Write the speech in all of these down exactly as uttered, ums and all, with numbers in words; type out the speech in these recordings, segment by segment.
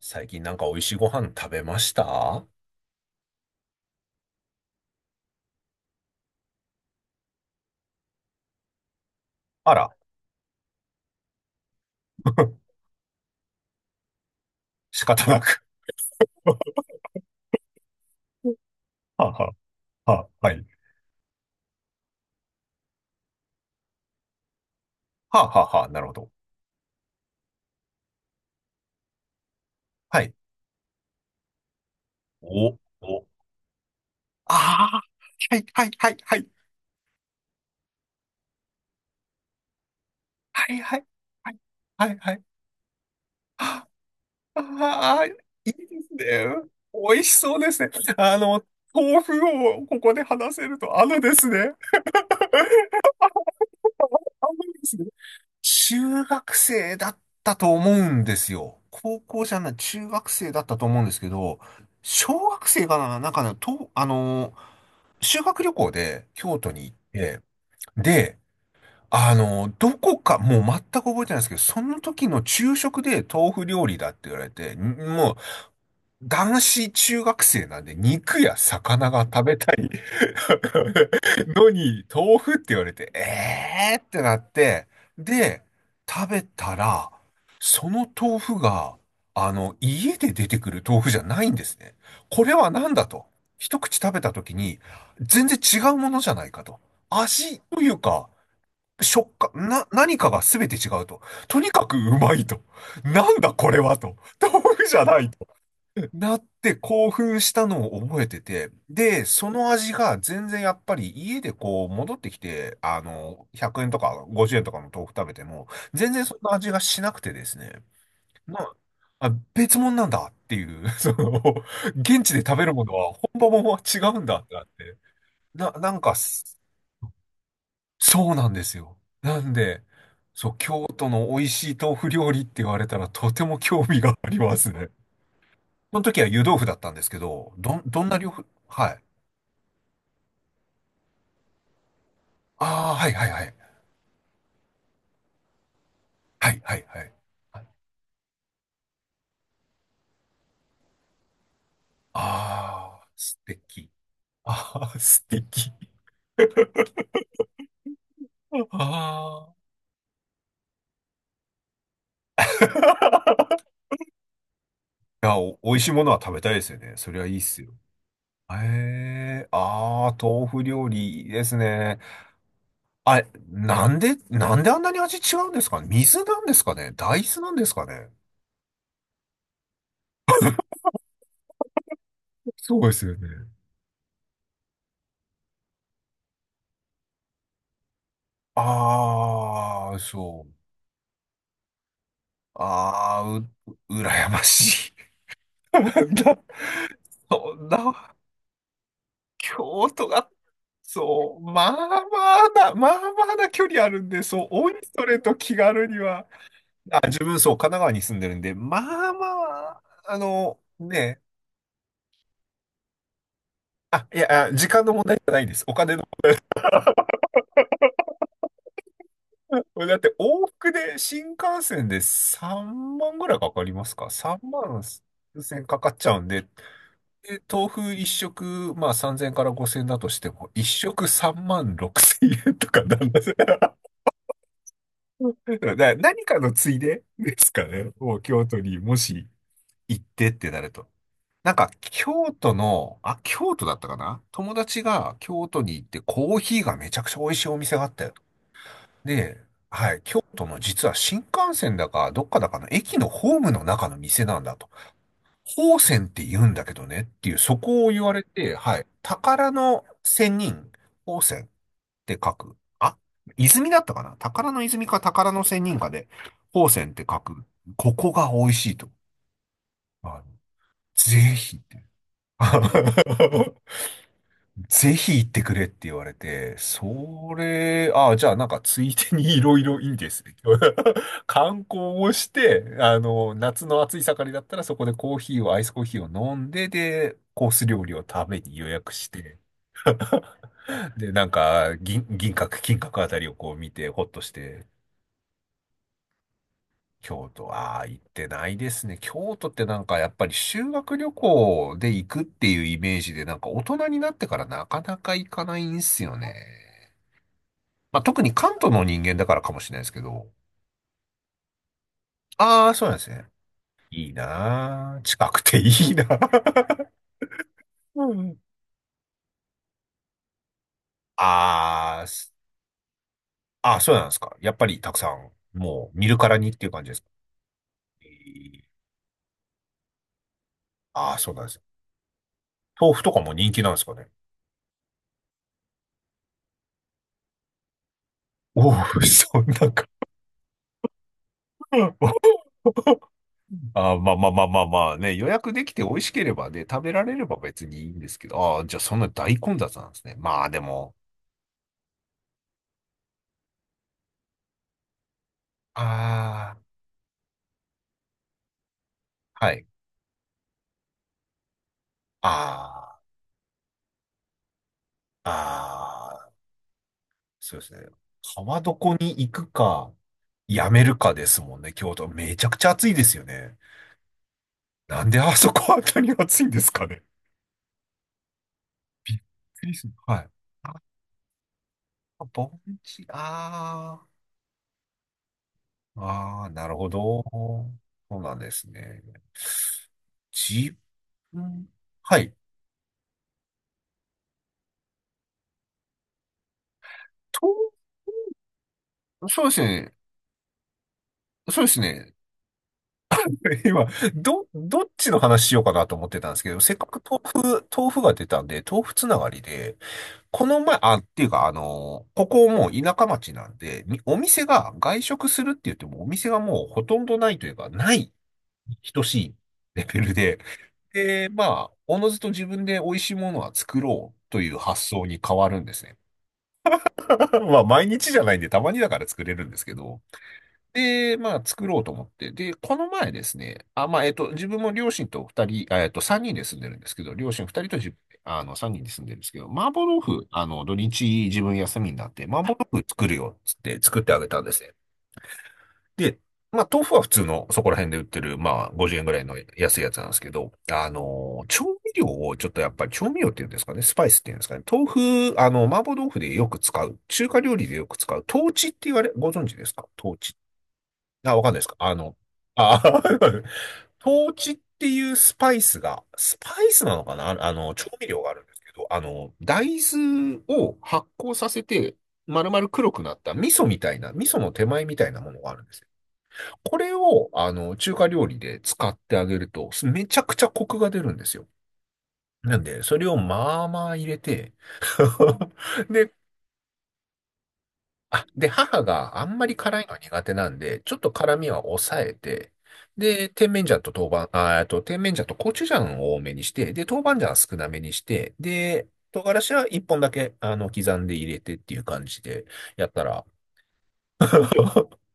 最近なんか美味しいご飯食べました。あら、仕方なく。はあはあ、はあ、はい。はあ、はあ、はあ、なるほど。はい。お、お、ああ、はい、はい、はい、はい。はい、はい、はい、はい、はい。ああ、いいですね。美味しそうですね。あの、豆腐をここで話せると、あのですね。あのですね。中学生だったと思うんですよ。高校じゃない、中学生だったと思うんですけど、小学生かな、なんかね、と、あのー、修学旅行で京都に行って、で、あのー、どこか、もう全く覚えてないんですけど、その時の昼食で豆腐料理だって言われて、ん、もう、男子中学生なんで肉や魚が食べたい のに、豆腐って言われて、えーってなって、で、食べたら、その豆腐が、あの、家で出てくる豆腐じゃないんですね。これは何だと。一口食べた時に、全然違うものじゃないかと。味というか、食感、な、何かが全て違うと。とにかくうまいと。なんだこれはと。豆腐じゃない。なって興奮したのを覚えてて、で、その味が全然やっぱり家でこう戻ってきて、あの、ひゃくえんとかごじゅうえんとかの豆腐食べても、全然そんな味がしなくてですね、まあ、あ、別物なんだっていう、その、現地で食べるものは本場ものは違うんだってなって、な、なんか、そうなんですよ。なんで、そう、京都の美味しい豆腐料理って言われたらとても興味がありますね。その時は湯豆腐だったんですけど、どん、どんな料理、はい。ああ、はいはいはい。はいはいはい。ああー、素敵。ああ、素敵。ああ。いや、お、美味しいものは食べたいですよね。そりゃいいっすよ。ええ、ああ、豆腐料理いいですね。あれ、なんで、なんであんなに味違うんですかね。水なんですかね。大豆なんですかね。そうですよね。ああ、そう。ああ、う、羨ましい。だ、そんな、京都が、そう、まあまあな、まあまあな距離あるんで、そう、おいそれと気軽には、あ、自分、そう、神奈川に住んでるんで、まあまあ、あの、ね、あ、いや、あ時間の問題じゃないです。お金の。だって、往復で新幹線でさんまんぐらいかかりますか？ さん 万数千かかっちゃうんで、で、豆腐一食、まあさんぜんからごせんだとしても、一食さんまんろくせんえんとかなんです。だから何かのついでですかね。もう京都にもし行ってってなると。なんか京都の、あ、京都だったかな、友達が京都に行ってコーヒーがめちゃくちゃ美味しいお店があったよと。で、はい、京都の実は新幹線だかどっかだかの駅のホームの中の店なんだと。宝泉って言うんだけどねっていう、そこを言われて、はい、宝の仙人、宝泉って書く。あ、泉だったかな、宝の泉か宝の仙人かで、宝泉って書く。ここが美味しいと。あのぜひって。ぜひ行ってくれって言われて、それ、ああ、じゃあなんかついでにいろいろいいですね。観光をして、あの、夏の暑い盛りだったらそこでコーヒーを、アイスコーヒーを飲んで、で、コース料理を食べに予約して、で、なんか銀、銀閣、金閣あたりをこう見て、ほっとして京都、ああ、行ってないですね。京都ってなんかやっぱり修学旅行で行くっていうイメージで、なんか大人になってからなかなか行かないんすよね。まあ、特に関東の人間だからかもしれないですけど。ああ、そうなんですね。いいなあ、近くていいなあ。 うん、あーす、あー、そうなんですか。やっぱりたくさん、もう見るからにっていう感じですか。えー、ああ、そうなんです。豆腐とかも人気なんですかね。おお、そんなか。あー、まあまあまあまあまあね、予約できて美味しければね、食べられれば別にいいんですけど、ああ、じゃあそんな大混雑なんですね。まあでも、ああ、はい。ああ、ああ、そうですね。川床に行くか、やめるかですもんね、京都。めちゃくちゃ暑いですよね。なんであそこあたり暑いんですかね。びっくりする。はい。あ、盆地、ああ、ああ、なるほど。そうなんですね。自分、はい。と、そうですね。そうですね。今、ど、どっちの話しようかなと思ってたんですけど、せっかく豆腐、豆腐が出たんで、豆腐つながりで、この前、あ、っていうか、あの、ここもう田舎町なんで、みお店が外食するって言っても、お店がもうほとんどないというか、ない等しいレベルで、で、まあ、おのずと自分で美味しいものは作ろうという発想に変わるんですね。まあ、毎日じゃないんで、たまにだから作れるんですけど、で、まあ、作ろうと思って。で、この前ですね、あ、まあ、えっと、自分も両親と二人、あ、えっと、三人で住んでるんですけど、両親二人とじ、あの、三人で住んでるんですけど、麻婆豆腐、あの、土日自分休みになって、麻婆豆腐作るよ、つって作ってあげたんですね。で、まあ、豆腐は普通の、そこら辺で売ってる、まあ、ごじゅうえんぐらいの安いやつなんですけど、あの、調味料を、ちょっとやっぱり調味料っていうんですかね、スパイスっていうんですかね、豆腐、あの、麻婆豆腐でよく使う、中華料理でよく使う、豆豉って言われ、ご存知ですか、豆豉。あ、わかんないですか。あの、あ、豆チっていうスパイスが、スパイスなのかな、あ、あの、調味料があるんですけど、あの、大豆を発酵させて、丸々黒くなった味噌みたいな、味噌の手前みたいなものがあるんですよ。これを、あの、中華料理で使ってあげると、すめちゃくちゃコクが出るんですよ。なんで、それをまあまあ入れて、で、あ、で、母があんまり辛いのは苦手なんで、ちょっと辛みは抑えて、で、甜麺醤と豆板、あー、えっと、甜麺醤とコチュジャンを多めにして、で、豆板醤は少なめにして、で、唐辛子はいっぽんだけ、あの、刻んで入れてっていう感じでやったら、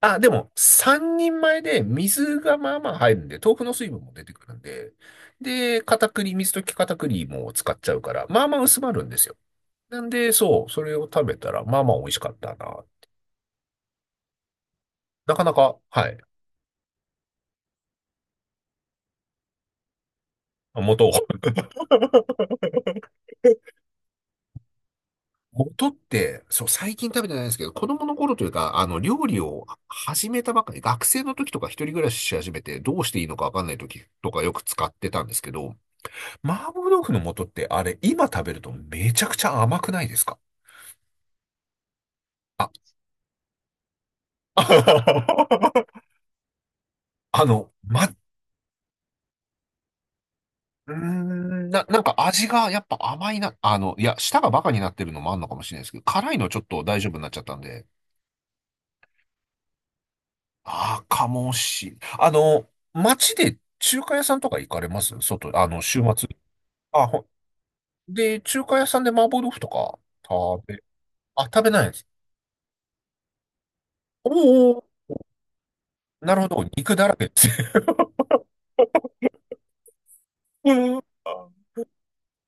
あ、でも、さんにんまえで水がまあまあ入るんで、豆腐の水分も出てくるんで、で、片栗、水溶き片栗も使っちゃうから、まあまあ薄まるんですよ。なんで、そう、それを食べたら、まあまあ美味しかったな。なかなか、はい。元 元って、そう、最近食べてないんですけど、子供の頃というか、あの、料理を始めたばっかり、学生の時とか一人暮らしし始めて、どうしていいのかわかんない時とかよく使ってたんですけど、麻婆豆腐の素ってあれ、今食べるとめちゃくちゃ甘くないですか。あ、あの、ま、うーんな、なんか味がやっぱ甘いな、あの、いや、舌がバカになってるのもあんのかもしれないですけど、辛いのちょっと大丈夫になっちゃったんで、ああ、かもし。あの、街で中華屋さんとか行かれます、外、あの、週末。あ、ほで、中華屋さんで麻婆豆腐とか食べ、あ、食べないです。おーおー、なるほど。肉だらけです。うん。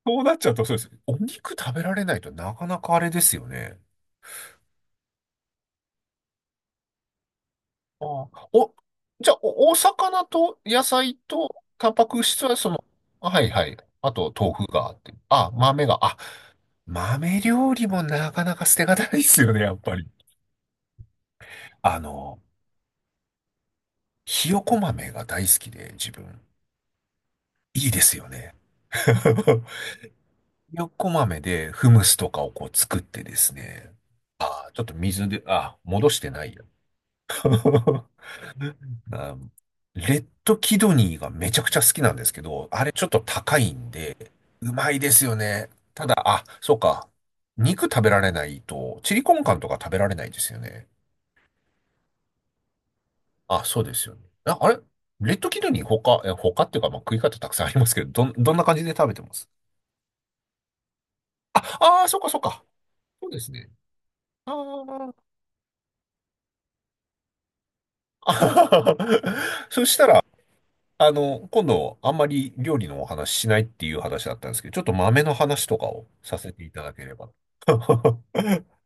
そうなっちゃうとそうです。お肉食べられないとなかなかあれですよね。ああ、お、じゃあ、お、お魚と野菜とタンパク質はその、あはいはい。あと、豆腐があって。あ、豆が、あ、豆料理もなかなか捨てがたいですよね、やっぱり。あの、ひよこ豆が大好きで、自分。いいですよね。ひよこ豆でフムスとかをこう作ってですね。あー、ちょっと水で、あ、戻してないよ。あ、レッドキドニーがめちゃくちゃ好きなんですけど、あれちょっと高いんで、うまいですよね。ただ、あ、そうか。肉食べられないと、チリコンカンとか食べられないですよね。あ、そうですよね。あ、あれレッドキドニー他、え、他っていうか、まあ、食い方たくさんありますけど、どん、どんな感じで食べてますあ、あーそっかそっか。そうですね。あーあ。そしたら、あの、今度、あんまり料理のお話しないっていう話だったんですけど、ちょっと豆の話とかをさせていただければ。